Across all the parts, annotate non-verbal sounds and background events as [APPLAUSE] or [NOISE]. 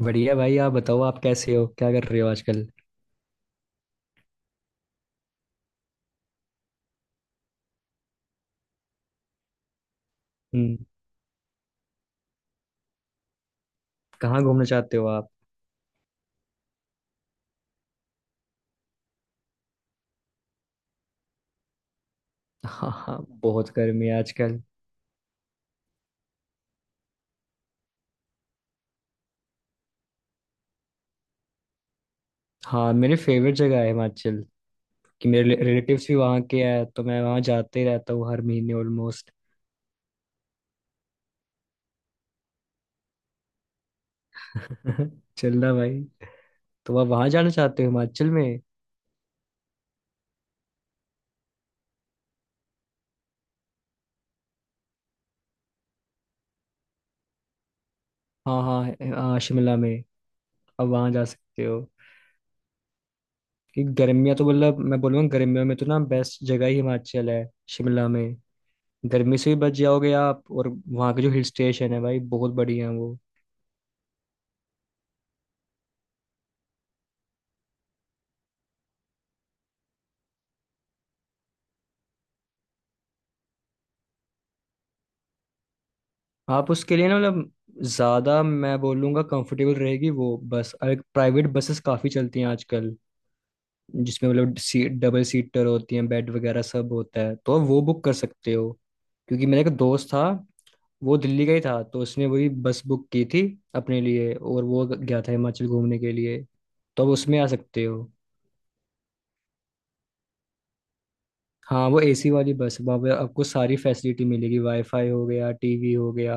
बढ़िया भाई। आप बताओ, आप कैसे हो, क्या कर रहे हो आजकल। हम्म। कहाँ घूमना चाहते हो आप। [LAUGHS] हाँ हाँ, बहुत गर्मी है आजकल। हाँ, मेरी फेवरेट जगह है हिमाचल। कि मेरे रिलेटिव्स भी वहाँ के हैं तो मैं वहाँ जाते ही रहता हूँ हर महीने ऑलमोस्ट। [LAUGHS] चलना भाई। तो आप वहाँ जाना चाहते हो हिमाचल में। हाँ हाँ। हाँ शिमला में आप वहाँ जा सकते हो। कि गर्मियाँ तो मतलब मैं बोलूँगा गर्मियों में तो ना बेस्ट जगह ही हिमाचल है। शिमला में गर्मी से भी बच जाओगे आप, और वहाँ के जो हिल स्टेशन है भाई बहुत बढ़िया है वो। आप उसके लिए ना मतलब ज़्यादा मैं बोलूँगा कंफर्टेबल रहेगी वो बस। और एक प्राइवेट बसेस काफ़ी चलती हैं आजकल, जिसमें मतलब सीट डबल सीटर होती हैं, बेड वगैरह सब होता है, तो आप वो बुक कर सकते हो। क्योंकि मेरा एक दोस्त था, वो दिल्ली का ही था, तो उसने वही बस बुक की थी अपने लिए, और वो गया था हिमाचल घूमने के लिए। तो आप उसमें आ सकते हो। हाँ, वो एसी वाली बस वहाँ पे आपको सारी फैसिलिटी मिलेगी, वाईफाई हो गया, टीवी हो गया,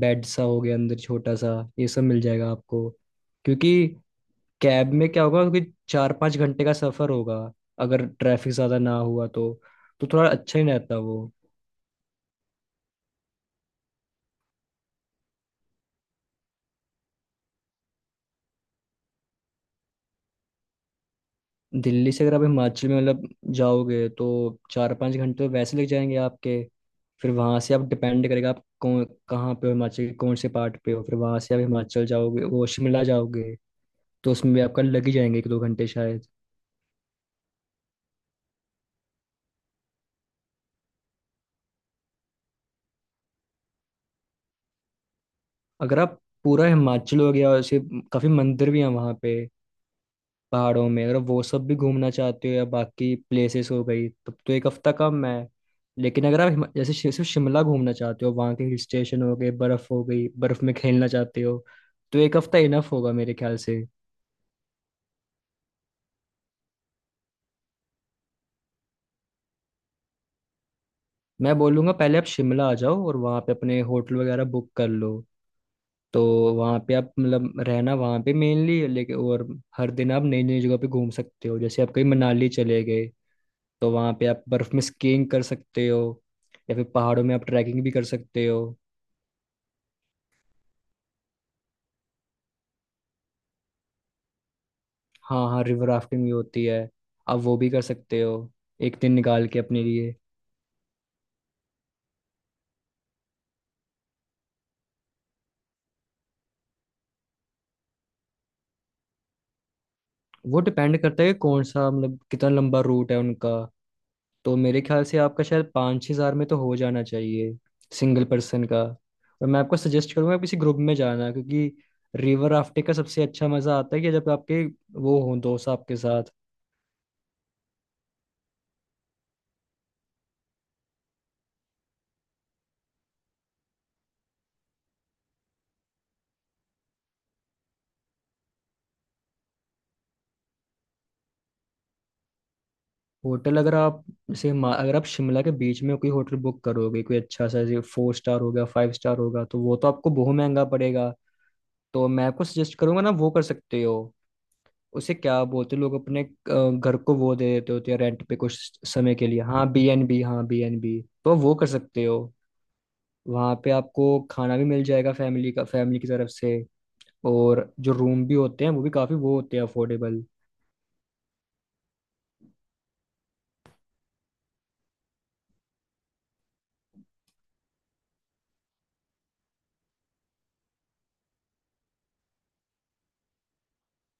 बेड सा हो गया अंदर छोटा सा। ये सब मिल जाएगा आपको। क्योंकि कैब में क्या होगा, क्योंकि चार पाँच घंटे का सफ़र होगा अगर ट्रैफिक ज़्यादा ना हुआ तो। तो थोड़ा अच्छा ही रहता वो। दिल्ली से अगर आप हिमाचल में मतलब जाओगे, तो चार पाँच घंटे तो वैसे लग जाएंगे आपके। फिर वहाँ से आप डिपेंड करेगा आप कौन कहाँ पे हो, हिमाचल के कौन से पार्ट पे हो, फिर वहाँ से आप हिमाचल जाओगे वो शिमला जाओगे, तो उसमें भी आपका लग ही जाएंगे एक दो घंटे शायद। अगर आप पूरा हिमाचल हो गया और ऐसे काफ़ी मंदिर भी हैं वहाँ पे पहाड़ों में, अगर आप वो सब भी घूमना चाहते हो या बाकी प्लेसेस हो गई, तब तो एक हफ्ता कम है। लेकिन अगर आप जैसे सिर्फ शिमला घूमना चाहते हो, वहाँ के हिल स्टेशन हो गए, बर्फ़ हो गई, बर्फ़ में खेलना चाहते हो, तो एक हफ्ता इनफ होगा मेरे ख्याल से। मैं बोलूँगा पहले आप शिमला आ जाओ और वहाँ पे अपने होटल वगैरह बुक कर लो। तो वहाँ पे आप मतलब रहना वहाँ पे मेनली, लेकिन और हर दिन आप नई नई जगह पे घूम सकते हो। जैसे आप कहीं मनाली चले गए तो वहाँ पे आप बर्फ में स्कीइंग कर सकते हो, या फिर पहाड़ों में आप ट्रैकिंग भी कर सकते हो। हाँ हाँ, रिवर राफ्टिंग भी होती है। आप वो भी कर सकते हो एक दिन निकाल के अपने लिए। वो डिपेंड करता है कि कौन सा मतलब कितना लंबा रूट है उनका। तो मेरे ख्याल से आपका शायद पाँच छः हज़ार में तो हो जाना चाहिए, सिंगल पर्सन का। और मैं आपको सजेस्ट करूँगा किसी ग्रुप में जाना, क्योंकि रिवर राफ्टिंग का सबसे अच्छा मज़ा आता है कि जब आपके वो हों दोस्त आपके साथ। होटल अगर आप जैसे अगर आप शिमला के बीच में कोई होटल बुक करोगे, कोई अच्छा सा जैसे फोर स्टार होगा फाइव स्टार होगा, तो वो तो आपको बहुत महंगा पड़ेगा। तो मैं आपको सजेस्ट करूंगा ना, वो कर सकते हो। उसे क्या बोलते हैं लोग अपने घर को वो दे देते होते हैं रेंट पे कुछ समय के लिए, हाँ बीएनबी, हाँ बीएनबी, तो वो कर सकते हो। वहाँ पे आपको खाना भी मिल जाएगा फैमिली का, फैमिली की तरफ से। और जो रूम भी होते हैं वो भी काफी वो होते हैं अफोर्डेबल।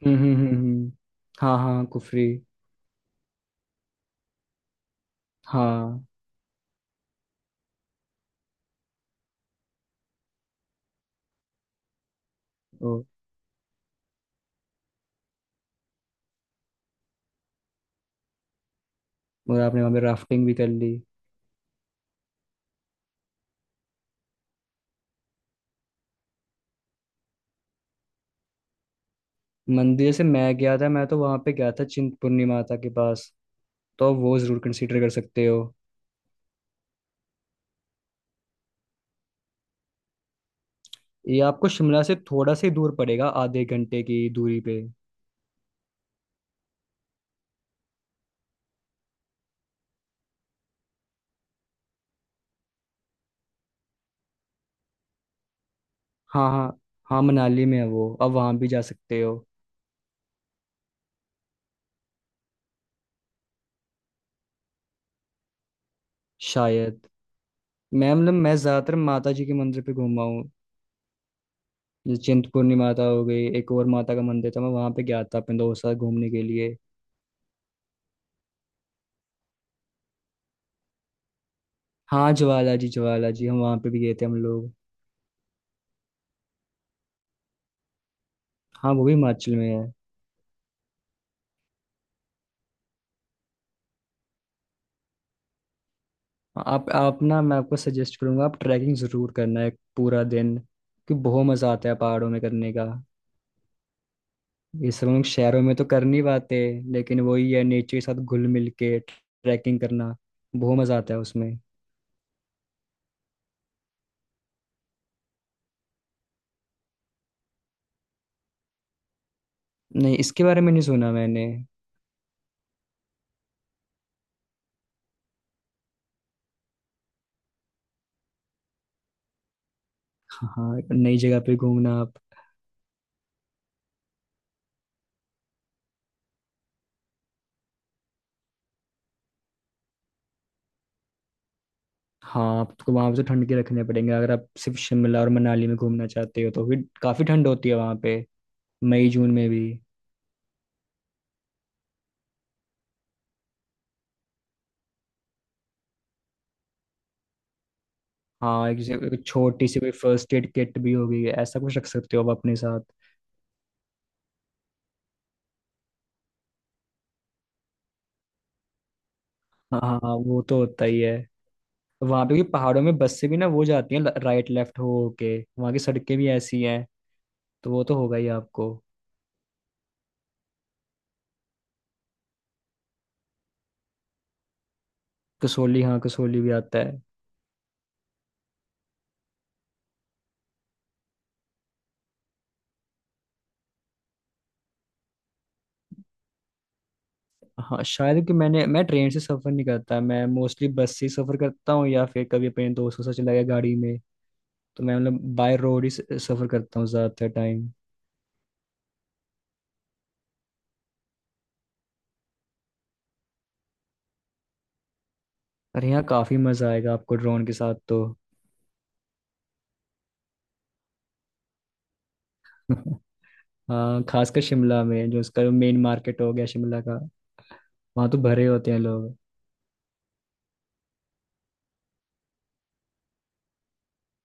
हम्म हम्म हम्म हम्म। हाँ हाँ कुफरी। हाँ। ओ, और आपने वहाँ पे राफ्टिंग भी कर ली। मंदिर जैसे मैं गया था, मैं तो वहाँ पे गया था चिंतपूर्णी माता के पास। तो वो जरूर कंसीडर कर सकते हो। ये आपको शिमला से थोड़ा से दूर पड़ेगा, आधे घंटे की दूरी पे। हाँ हाँ। हाँ मनाली में है वो, अब वहाँ भी जा सकते हो। शायद। मैं मतलब मैं ज़्यादातर माता जी के मंदिर पे घूमा हूँ। जैसे चिंतपूर्णी माता हो गई, एक और माता का मंदिर था मैं वहाँ पे गया था अपने दोस्त के साथ घूमने के लिए। हाँ ज्वाला जी, ज्वाला जी हम वहाँ पे भी गए थे हम लोग। हाँ वो भी हिमाचल में है। आप ना मैं आपको सजेस्ट करूँगा आप ट्रैकिंग ज़रूर करना है पूरा दिन, क्योंकि बहुत मज़ा आता है पहाड़ों में करने का। ये सब हम लोग शहरों में तो कर नहीं पाते, लेकिन वही है नेचर के साथ घुल मिल के ट्रैकिंग करना, बहुत मजा आता है उसमें। नहीं, इसके बारे में नहीं सुना मैंने। हाँ हाँ, नई जगह पे घूमना आप। हाँ, आपको वहाँ पे तो ठंड के रखने पड़ेंगे, अगर आप सिर्फ शिमला और मनाली में घूमना चाहते हो तो फिर काफ़ी ठंड होती है वहाँ पे मई जून में भी। हाँ, एक जैसे एक छोटी सी कोई फर्स्ट एड किट भी होगी, ऐसा कुछ रख सकते हो आप अपने साथ। हाँ हाँ हाँ, वो तो होता ही है। वहां पे भी पहाड़ों में बस से भी ना वो जाती है राइट लेफ्ट हो के, वहां की सड़कें भी ऐसी हैं, तो वो तो होगा ही आपको। कसोली, हाँ कसोली भी आता है। हाँ शायद। कि मैंने मैं ट्रेन से सफर नहीं करता, मैं मोस्टली बस से ही सफर करता हूँ, या फिर कभी अपने दोस्तों से चला गया गाड़ी में। तो मैं मतलब बाय रोड ही सफर करता हूँ ज्यादातर टाइम। अरे यहाँ काफी मजा आएगा आपको ड्रोन के साथ तो। [LAUGHS] हाँ, खासकर शिमला में जो उसका मेन मार्केट हो गया शिमला का। वहां तो भरे होते हैं लोग।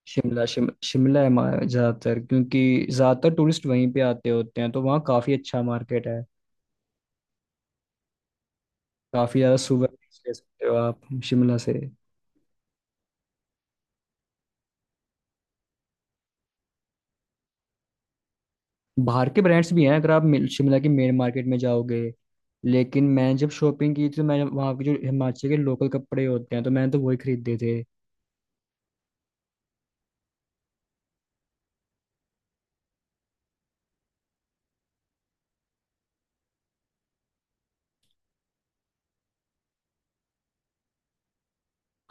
शिमला शिमला है ज्यादातर, क्योंकि ज्यादातर टूरिस्ट वहीं पे आते होते हैं तो वहाँ काफी अच्छा मार्केट है। काफी ज्यादा सोवेनिर्स ले सकते हो आप शिमला से। बाहर के ब्रांड्स भी हैं अगर आप शिमला के मेन मार्केट में जाओगे। लेकिन मैं जब शॉपिंग की थी तो मैंने वहाँ के जो हिमाचल के लोकल कपड़े होते हैं तो मैंने तो वही खरीदे थे।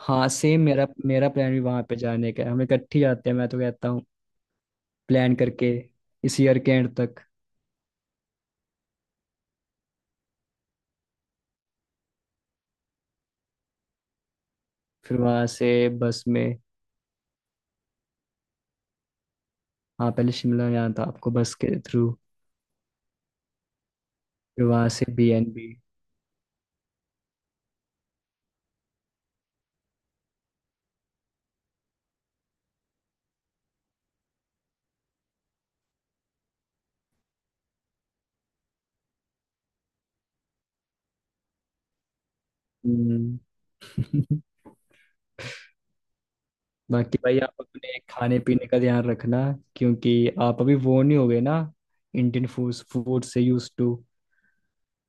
हाँ सेम, मेरा मेरा प्लान भी वहाँ पे जाने का है, हम इकट्ठे ही जाते हैं मैं तो कहता हूँ, प्लान करके इस ईयर के एंड तक। फिर वहाँ से बस में। हाँ पहले शिमला में जाना था आपको बस के थ्रू। फिर वहां से बी एन बी। हम्म। [LAUGHS] बाकी भाई आप अपने खाने पीने का ध्यान रखना। क्योंकि आप अभी वो नहीं हो गए ना इंडियन फूड फूड से यूज टू।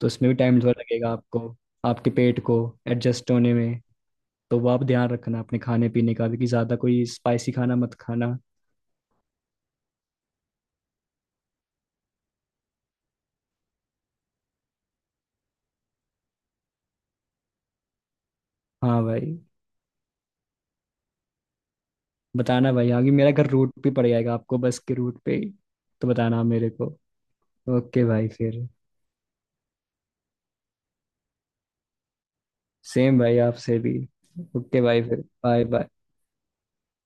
तो उसमें भी टाइम थोड़ा लगेगा आपको, आपके पेट को एडजस्ट होने में। तो वो आप ध्यान रखना अपने खाने पीने का भी, कि ज़्यादा कोई स्पाइसी खाना मत खाना। हाँ भाई। बताना भाई, आगे मेरा घर रूट पे पड़ जाएगा आपको, बस के रूट पे ही, तो बताना आप मेरे को। ओके भाई फिर। सेम भाई आपसे भी। ओके भाई फिर, बाय बाय।